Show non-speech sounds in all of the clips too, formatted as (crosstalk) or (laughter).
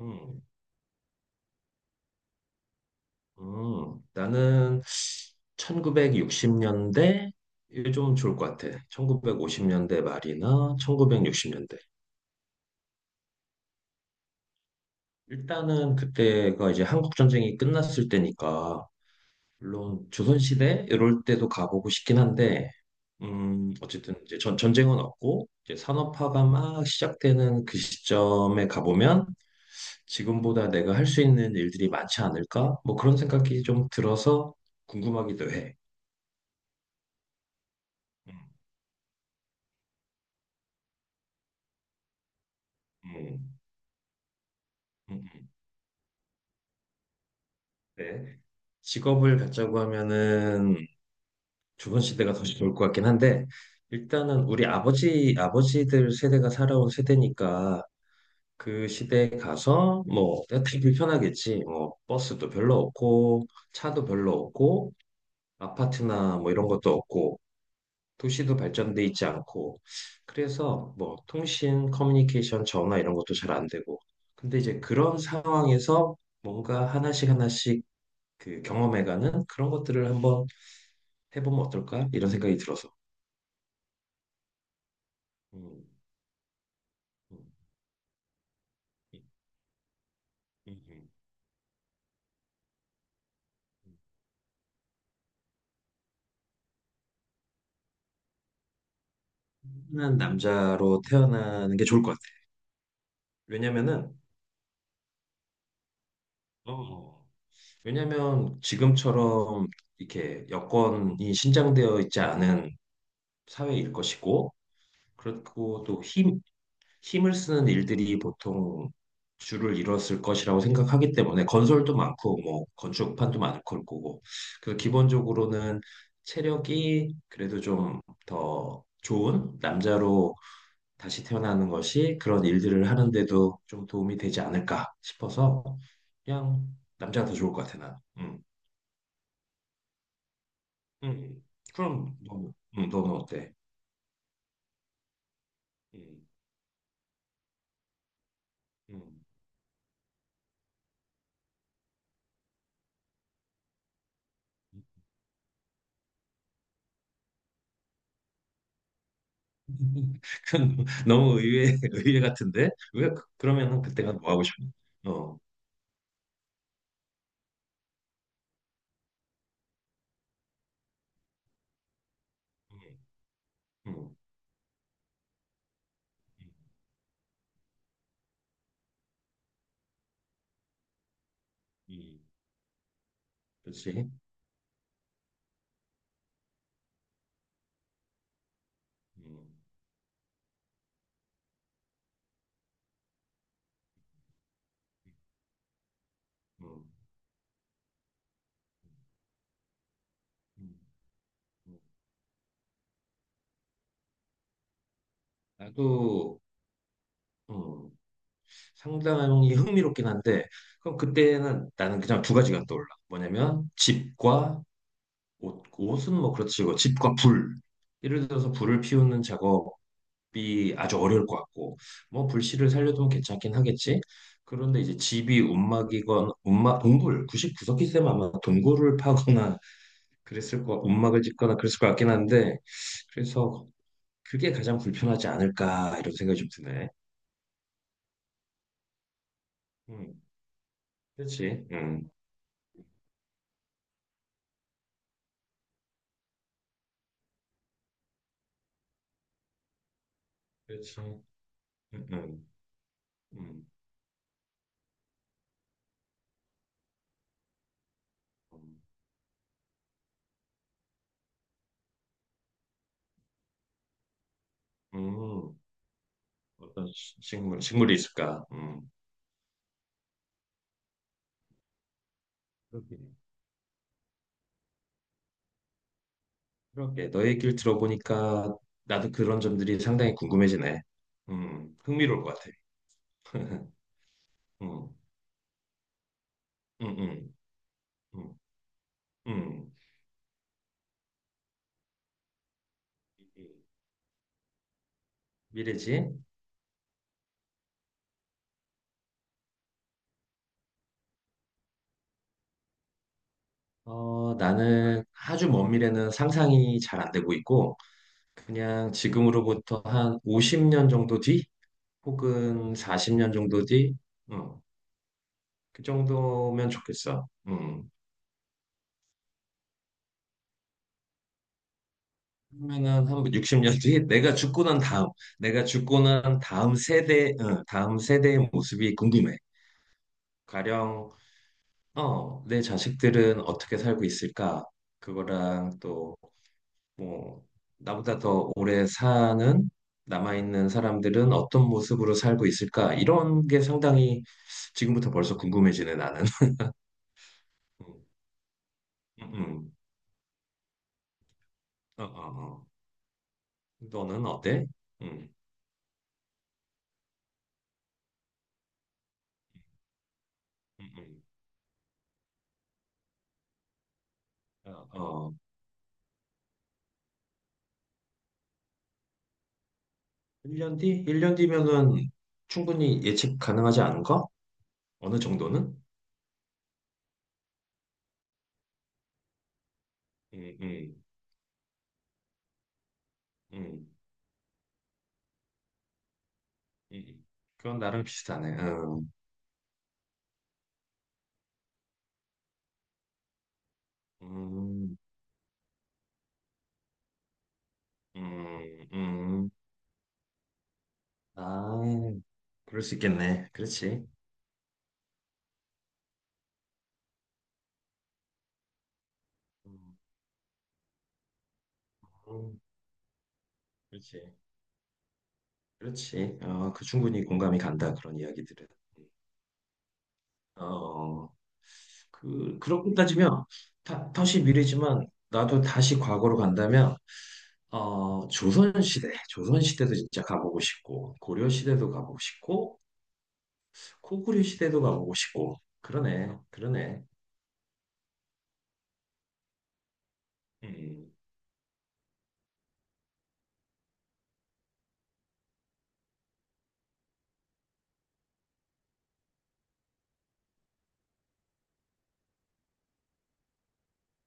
음, 나는 1960년대 이게 좀 좋을 것 같아. 1950년대 말이나 1960년대. 일단은 그때가 이제 한국 전쟁이 끝났을 때니까 물론 조선 시대 이럴 때도 가보고 싶긴 한데 어쨌든 이제 전쟁은 없고 이제 산업화가 막 시작되는 그 시점에 가보면 지금보다 내가 할 수 있는 일들이 많지 않을까? 뭐 그런 생각이 좀 들어서 궁금하기도 해. 음. 음. 음. 음. 네. 직업을 갖자고 하면은 조선 시대가 더 좋을 것 같긴 한데 일단은 우리 아버지 아버지들 세대가 살아온 세대니까 그 시대에 가서 뭐 되게 불편하겠지. 뭐 버스도 별로 없고 차도 별로 없고 아파트나 뭐 이런 것도 없고 도시도 발전돼 있지 않고 그래서 뭐 통신, 커뮤니케이션, 전화 이런 것도 잘 안 되고 근데 이제 그런 상황에서 뭔가 하나씩 하나씩 그 경험해가는 그런 것들을 한번 해보면 어떨까? 이런 생각이 들어서. 음, 음, 음, 음, 한 남자로 태어나는 게 좋을 것 같아. 왜냐면은, 어, 왜냐면 지금처럼 이렇게 여건이 신장되어 있지 않은 사회일 것이고, 그렇고 또 힘을 쓰는 일들이 보통 주를 이뤘을 것이라고 생각하기 때문에 건설도 많고 뭐 건축판도 많을 걸 거고 그래서 기본적으로는 체력이 그래도 좀 더 좋은 남자로 다시 태어나는 것이 그런 일들을 하는데도 좀 도움이 되지 않을까 싶어서 그냥 남자가 더 좋을 것 같아 나. 음. 음. 그럼 너는 너는 어때? 음. 음. (laughs) 그건 너무 의외 같은데? 왜, 그러면은 그때가 뭐 하고 싶어? 어. 음. 음. 음. 그렇지. 음. 음. 음. 음. 나도, 음, 상당히 흥미롭긴 한데, 그럼 그때는 나는 그냥 두 가지가 떠올라. 뭐냐면, 집과 옷은 뭐 그렇지, 뭐 집과 불. 예를 들어서 불을 피우는 작업, 집이 아주 어려울 것 같고 뭐 불씨를 살려두면 괜찮긴 하겠지. 그런데 이제 집이 움막이건 움막 동굴 99석기 쌤 아마 동굴을 파거나 그랬을 거 움막을 짓거나 그랬을 것 같긴 한데 그래서 그게 가장 불편하지 않을까 이런 생각이 좀 드네. 음, 그렇지. 그렇지. 음. 음. 음. 음. 음, 어떤 식물이 있을까? 음. 그러게 너의 얘기를 들어보니까 나도 그런 점들이 상당히 궁금해지네. 흥미로울 것 같아. (laughs) 음. 음. 음. 음. 음. 미래지? 나는 아주 먼 미래는 상상이 잘 안 되고 있고, 그냥 지금으로부터 한 50년 정도 뒤? 혹은 40년 정도 뒤? 음, 그 정도면 좋겠어. 음. 그러면은 한 60년 뒤에 내가 죽고 난 다음, 내가 죽고 난 다음 세대, 응, 다음 세대의 모습이 궁금해. 가령, 내 자식들은 어떻게 살고 있을까? 그거랑 또, 뭐, 나보다 더 오래 사는 남아있는 사람들은 어떤 모습으로 살고 있을까? 이런 게 상당히 지금부터 벌써 궁금해지네, 나는. (laughs) 음. 음. 음. 어. 어. 어. 너는 어때? 음. 음. 음. 어. 어. 1년 뒤? 1년 뒤면은 충분히 예측 가능하지 않은가? 어느 정도는? 음, 음, 음. 이- 그건 나름 비슷하네. 음. 음. 음. 음. 아, 그럴 수 있겠네. 그렇지. 음, 음, 그렇지. 그렇지. 어, 그 충분히 공감이 간다. 그런 이야기들은. 음, 어. 그렇게 따지면 다시 미래지만 나도 다시 과거로 간다면 어, 조선시대도 진짜 가보고 싶고 고려시대도 가보고 싶고 코구리 시대도 가보고 싶고 그러네, 그러네. 음,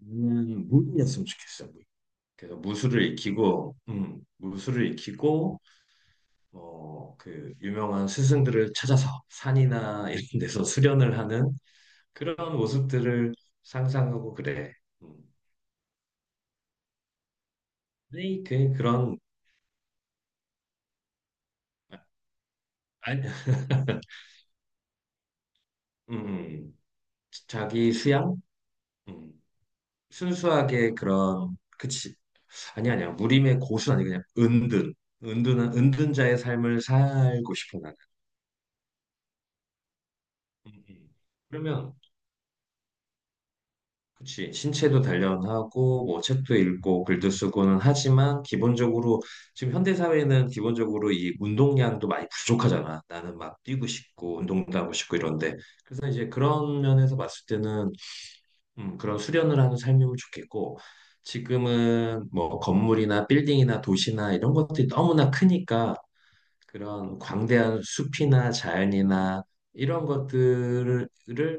무인이었으면 좋겠어. 무인. 그래서 무술을 익히고, 그 유명한 스승들을 찾아서 산이나 이런 데서 수련을 하는 그런 모습들을 상상하고 그래. 음. 아, 그, 그런, 아니. (laughs) 음, 자기 수양? 음, 순수하게 그런, 그치. 아니, 아니야. 무림의 고수 아니, 그냥 은둔. 은둔자의 삶을 살고 싶어, 나는. 음. 음. 그러면, 그치. 신체도 단련하고, 뭐, 책도 읽고, 글도 쓰고는 하지만, 기본적으로, 지금 현대사회는 기본적으로 이 운동량도 많이 부족하잖아. 나는 막 뛰고 싶고, 운동도 하고 싶고 이런데. 그래서 이제 그런 면에서 봤을 때는, 그런 수련을 하는 삶이면 좋겠고, 지금은 뭐 건물이나 빌딩이나 도시나 이런 것들이 너무나 크니까 그런 광대한 숲이나 자연이나 이런 것들을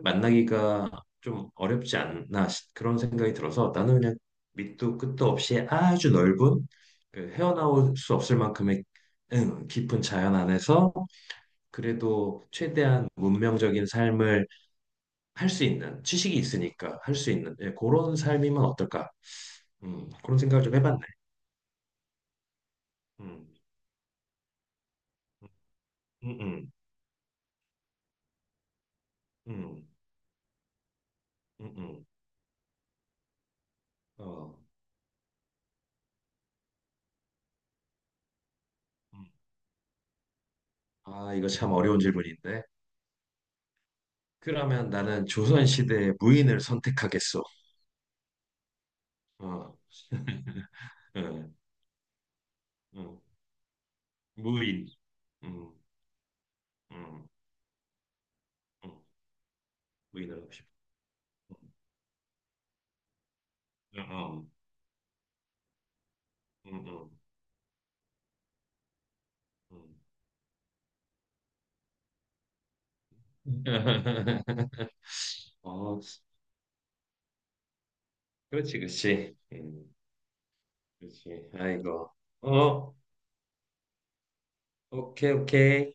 만나기가 좀 어렵지 않나 그런 생각이 들어서 나는 그냥 밑도 끝도 없이 아주 넓은 그 헤어나올 수 없을 만큼의 깊은 자연 안에서 그래도 최대한 문명적인 삶을 할 수 있는 지식이 있으니까 할 수 있는 예, 그런 삶이면 어떨까? 그런 생각을 좀 해봤네. 음, 음, 음, 음, 음, 음. 어, 음. 아, 이거 참 어려운 질문인데. 그러면 나는 조선시대의 무인을 선택하겠어. 어, (laughs) 응, 응. 무인. 응, 응, 응. 무인을 하고 싶어. 응, 응, 응, 응. 응. (laughs) 어, 그렇지, 그렇지. 응. 그렇지. 아이고. 어, 오케이 오케이.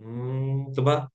뭐야?